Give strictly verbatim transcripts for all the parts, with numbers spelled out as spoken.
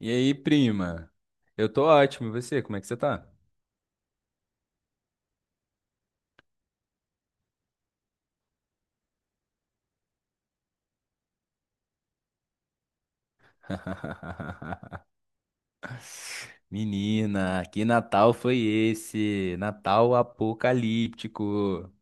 E aí, prima? Eu tô ótimo, e você? Como é que você tá? Menina, que Natal foi esse? Natal apocalíptico.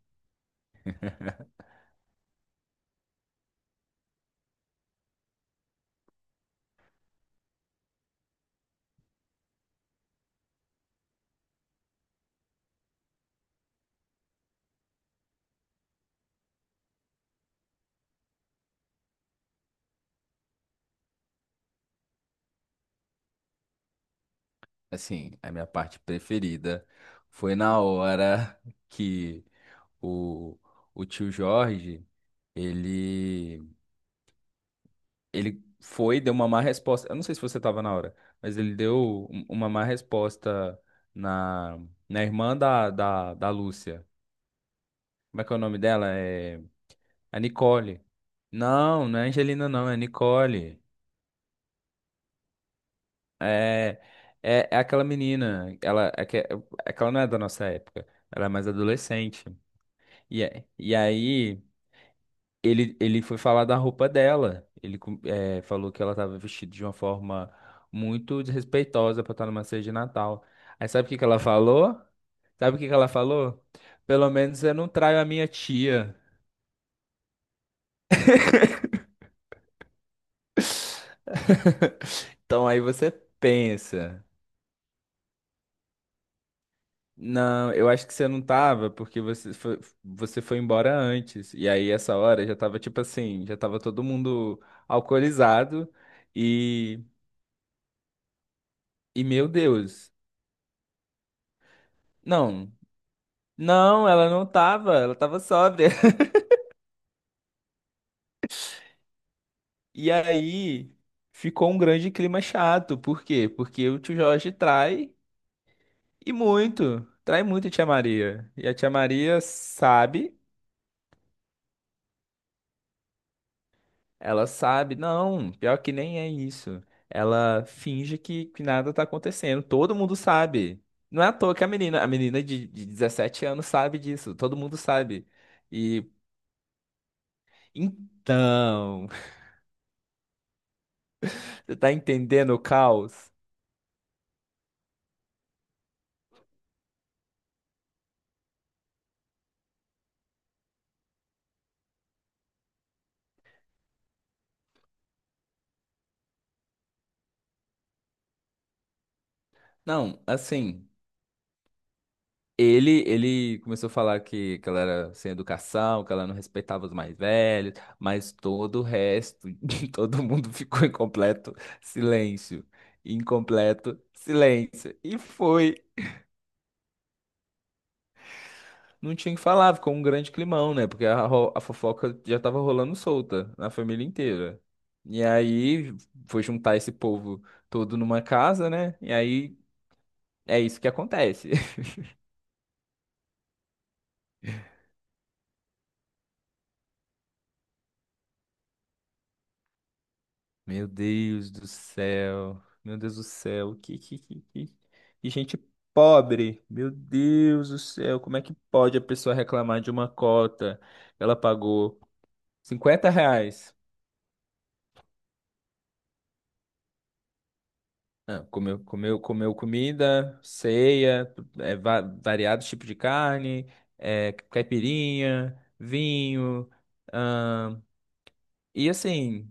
Assim, a minha parte preferida foi na hora que o, o tio Jorge, ele, ele foi, deu uma má resposta. Eu não sei se você tava na hora, mas ele deu um- uma má resposta na, na irmã da, da, da Lúcia. Como é que é o nome dela? É. A Nicole. Não, não é Angelina, não, é Nicole. É, é, é aquela menina. Ela é que, é que ela não é da nossa época. Ela é mais adolescente. E, é- e aí ele, ele foi falar da roupa dela. Ele com- é, falou que ela estava vestida de uma forma muito desrespeitosa para estar numa ceia de Natal. Aí sabe o que que ela falou? Sabe o que que ela falou? Pelo menos eu não traio a minha tia. Então aí você pensa. Não, eu acho que você não tava, porque você foi, você foi embora antes. E aí, essa hora já tava tipo assim, já tava todo mundo alcoolizado. E, e meu Deus. Não, não, ela não tava, ela tava sóbria. E aí ficou um grande clima chato. Por quê? Porque o tio Jorge trai e muito. Trai muito a tia Maria. E a tia Maria sabe. Ela sabe, não, pior que nem é isso. Ela finge que, que nada tá acontecendo. Todo mundo sabe. Não é à toa que a menina, a menina de, de dezessete anos sabe disso. Todo mundo sabe. E então, você tá entendendo o caos? Não, assim. Ele, ele começou a falar que, que ela era sem educação, que ela não respeitava os mais velhos, mas todo o resto, todo mundo ficou em completo silêncio. Em completo silêncio. E foi. Não tinha o que falar, ficou um grande climão, né? Porque a, ro- a fofoca já tava rolando solta na família inteira. E aí foi juntar esse povo todo numa casa, né? E aí é isso que acontece. Meu Deus do céu. Meu Deus do céu. Que, que, que, que... que gente pobre. Meu Deus do céu. Como é que pode a pessoa reclamar de uma cota? Ela pagou cinquenta reais. Ah, comeu, comeu, comeu comida, ceia, é, va- variados tipos de carne, é, caipirinha, vinho. ahn, e assim.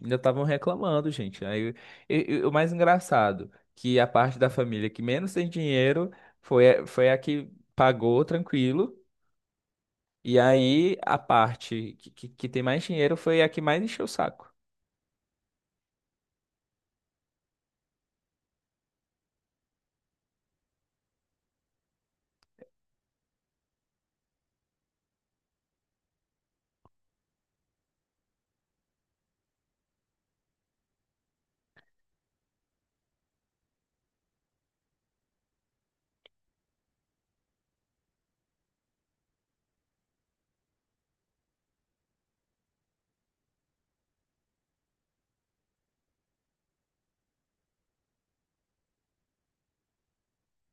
Ainda estavam reclamando, gente. Aí, e- e o mais engraçado, que a parte da família que menos tem dinheiro foi, a- foi a que pagou tranquilo. E aí a parte que, que, que tem mais dinheiro foi a que mais encheu o saco.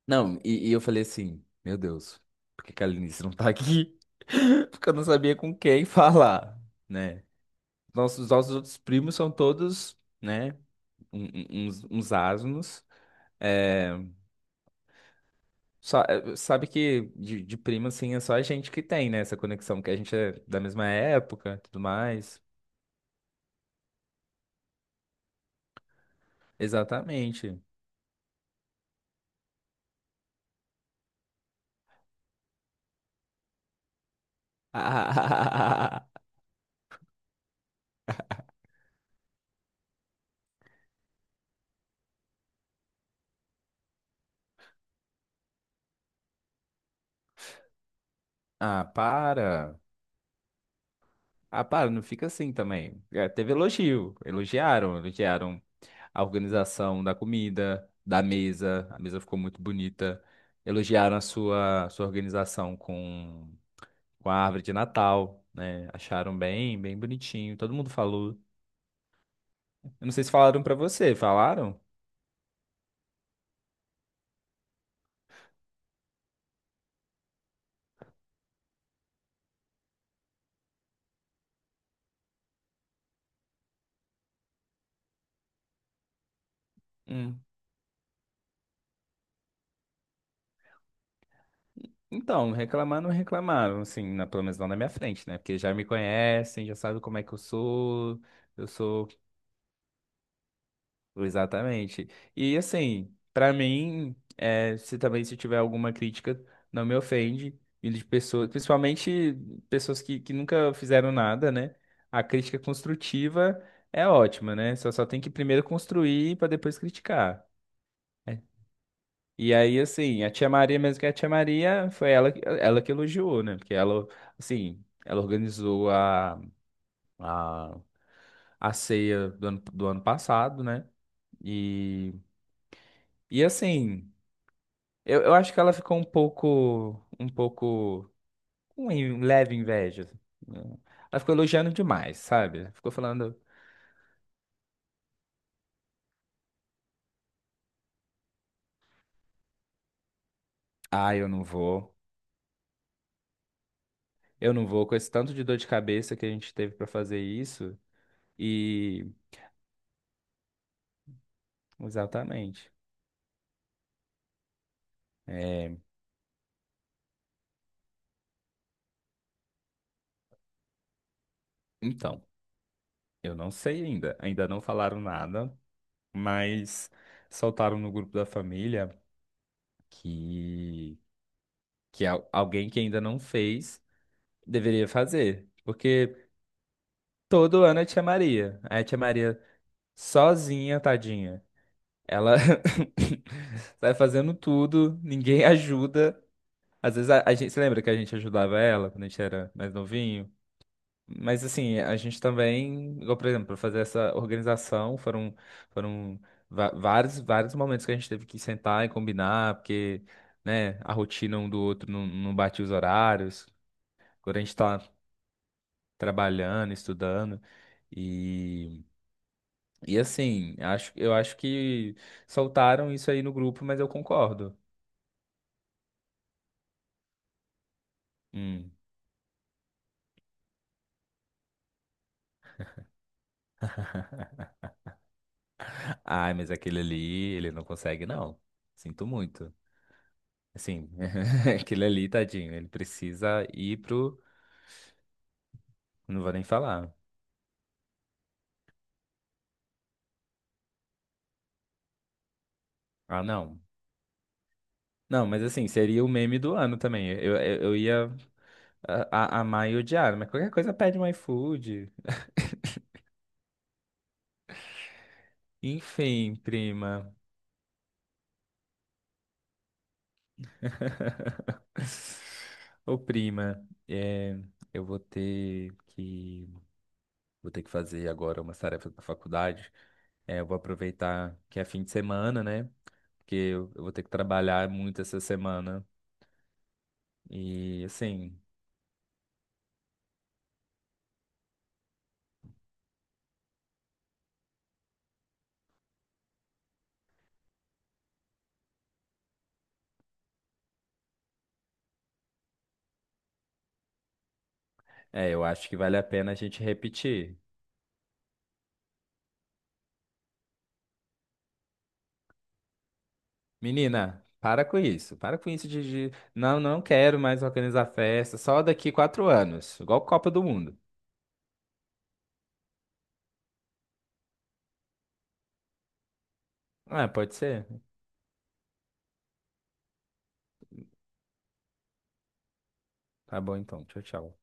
Não, e, e eu falei assim, meu Deus, por que que a Linice não tá aqui? Porque eu não sabia com quem falar, né? Nossos, nossos outros primos são todos, né, um- um- uns, uns asnos. Só, eh, sabe que de, de primo, assim, é só a gente que tem, né? Essa conexão, que a gente é da mesma época, e tudo mais. Exatamente. Ah, ah, para. Ah, para, não fica assim também. É, teve elogio. Elogiaram, elogiaram a organização da comida, da mesa. A mesa ficou muito bonita. Elogiaram a sua, sua organização com, com a árvore de Natal, né? Acharam bem, bem bonitinho. Todo mundo falou. Eu não sei se falaram pra você, falaram? Hum. Então, reclamar não reclamaram, assim, na, pelo menos não na minha frente, né? Porque já me conhecem, já sabem como é que eu sou, eu sou exatamente. E assim, pra mim, é, se também se tiver alguma crítica, não me ofende. E de pessoas, principalmente pessoas que, que nunca fizeram nada, né? A crítica construtiva é ótima, né? Só, só tem que primeiro construir pra depois criticar. E aí, assim, a tia Maria, mesmo que é a tia Maria, foi ela, que- ela que elogiou, né? Porque ela, assim, ela organizou a, a, a ceia do ano, do ano passado, né? E, e assim, eu, eu acho que ela ficou um pouco, um pouco, com em- leve inveja, né? Ela ficou elogiando demais, sabe? Ficou falando, ah, eu não vou, eu não vou, com esse tanto de dor de cabeça que a gente teve pra fazer isso. E, exatamente. É, então. Eu não sei ainda, ainda não falaram nada, mas soltaram no grupo da família que, que al- alguém que ainda não fez deveria fazer, porque todo ano é tia Maria, aí a tia Maria sozinha, tadinha, ela sai fazendo tudo, ninguém ajuda, às vezes a, a gente, você lembra que a gente ajudava ela quando a gente era mais novinho? Mas assim, a gente também, igual, por exemplo, para fazer essa organização, foram, foram va- vários, vários momentos que a gente teve que sentar e combinar, porque, né, a rotina um do outro não, não batia os horários, quando a gente tá trabalhando, estudando. E, e assim, acho, eu acho que soltaram isso aí no grupo, mas eu concordo. Hum. Ai, mas aquele ali, ele não consegue, não. Sinto muito. Assim, aquele ali, tadinho, ele precisa ir pro. Não vou nem falar. Ah, não. Não, mas assim, seria o meme do ano também. Eu, eu, eu ia a, a- amar e odiar, mas qualquer coisa pede um iFood. Enfim, prima. Ô, prima, é, eu vou ter que. Vou ter que fazer agora umas tarefas da faculdade. É, eu vou aproveitar que é fim de semana, né? Porque eu eu vou ter que trabalhar muito essa semana. E assim. É, eu acho que vale a pena a gente repetir. Menina, para com isso. Para com isso de, de... Não, não quero mais organizar festa. Só daqui quatro anos. Igual Copa do Mundo. Ah, pode ser? Tá bom então. Tchau, tchau.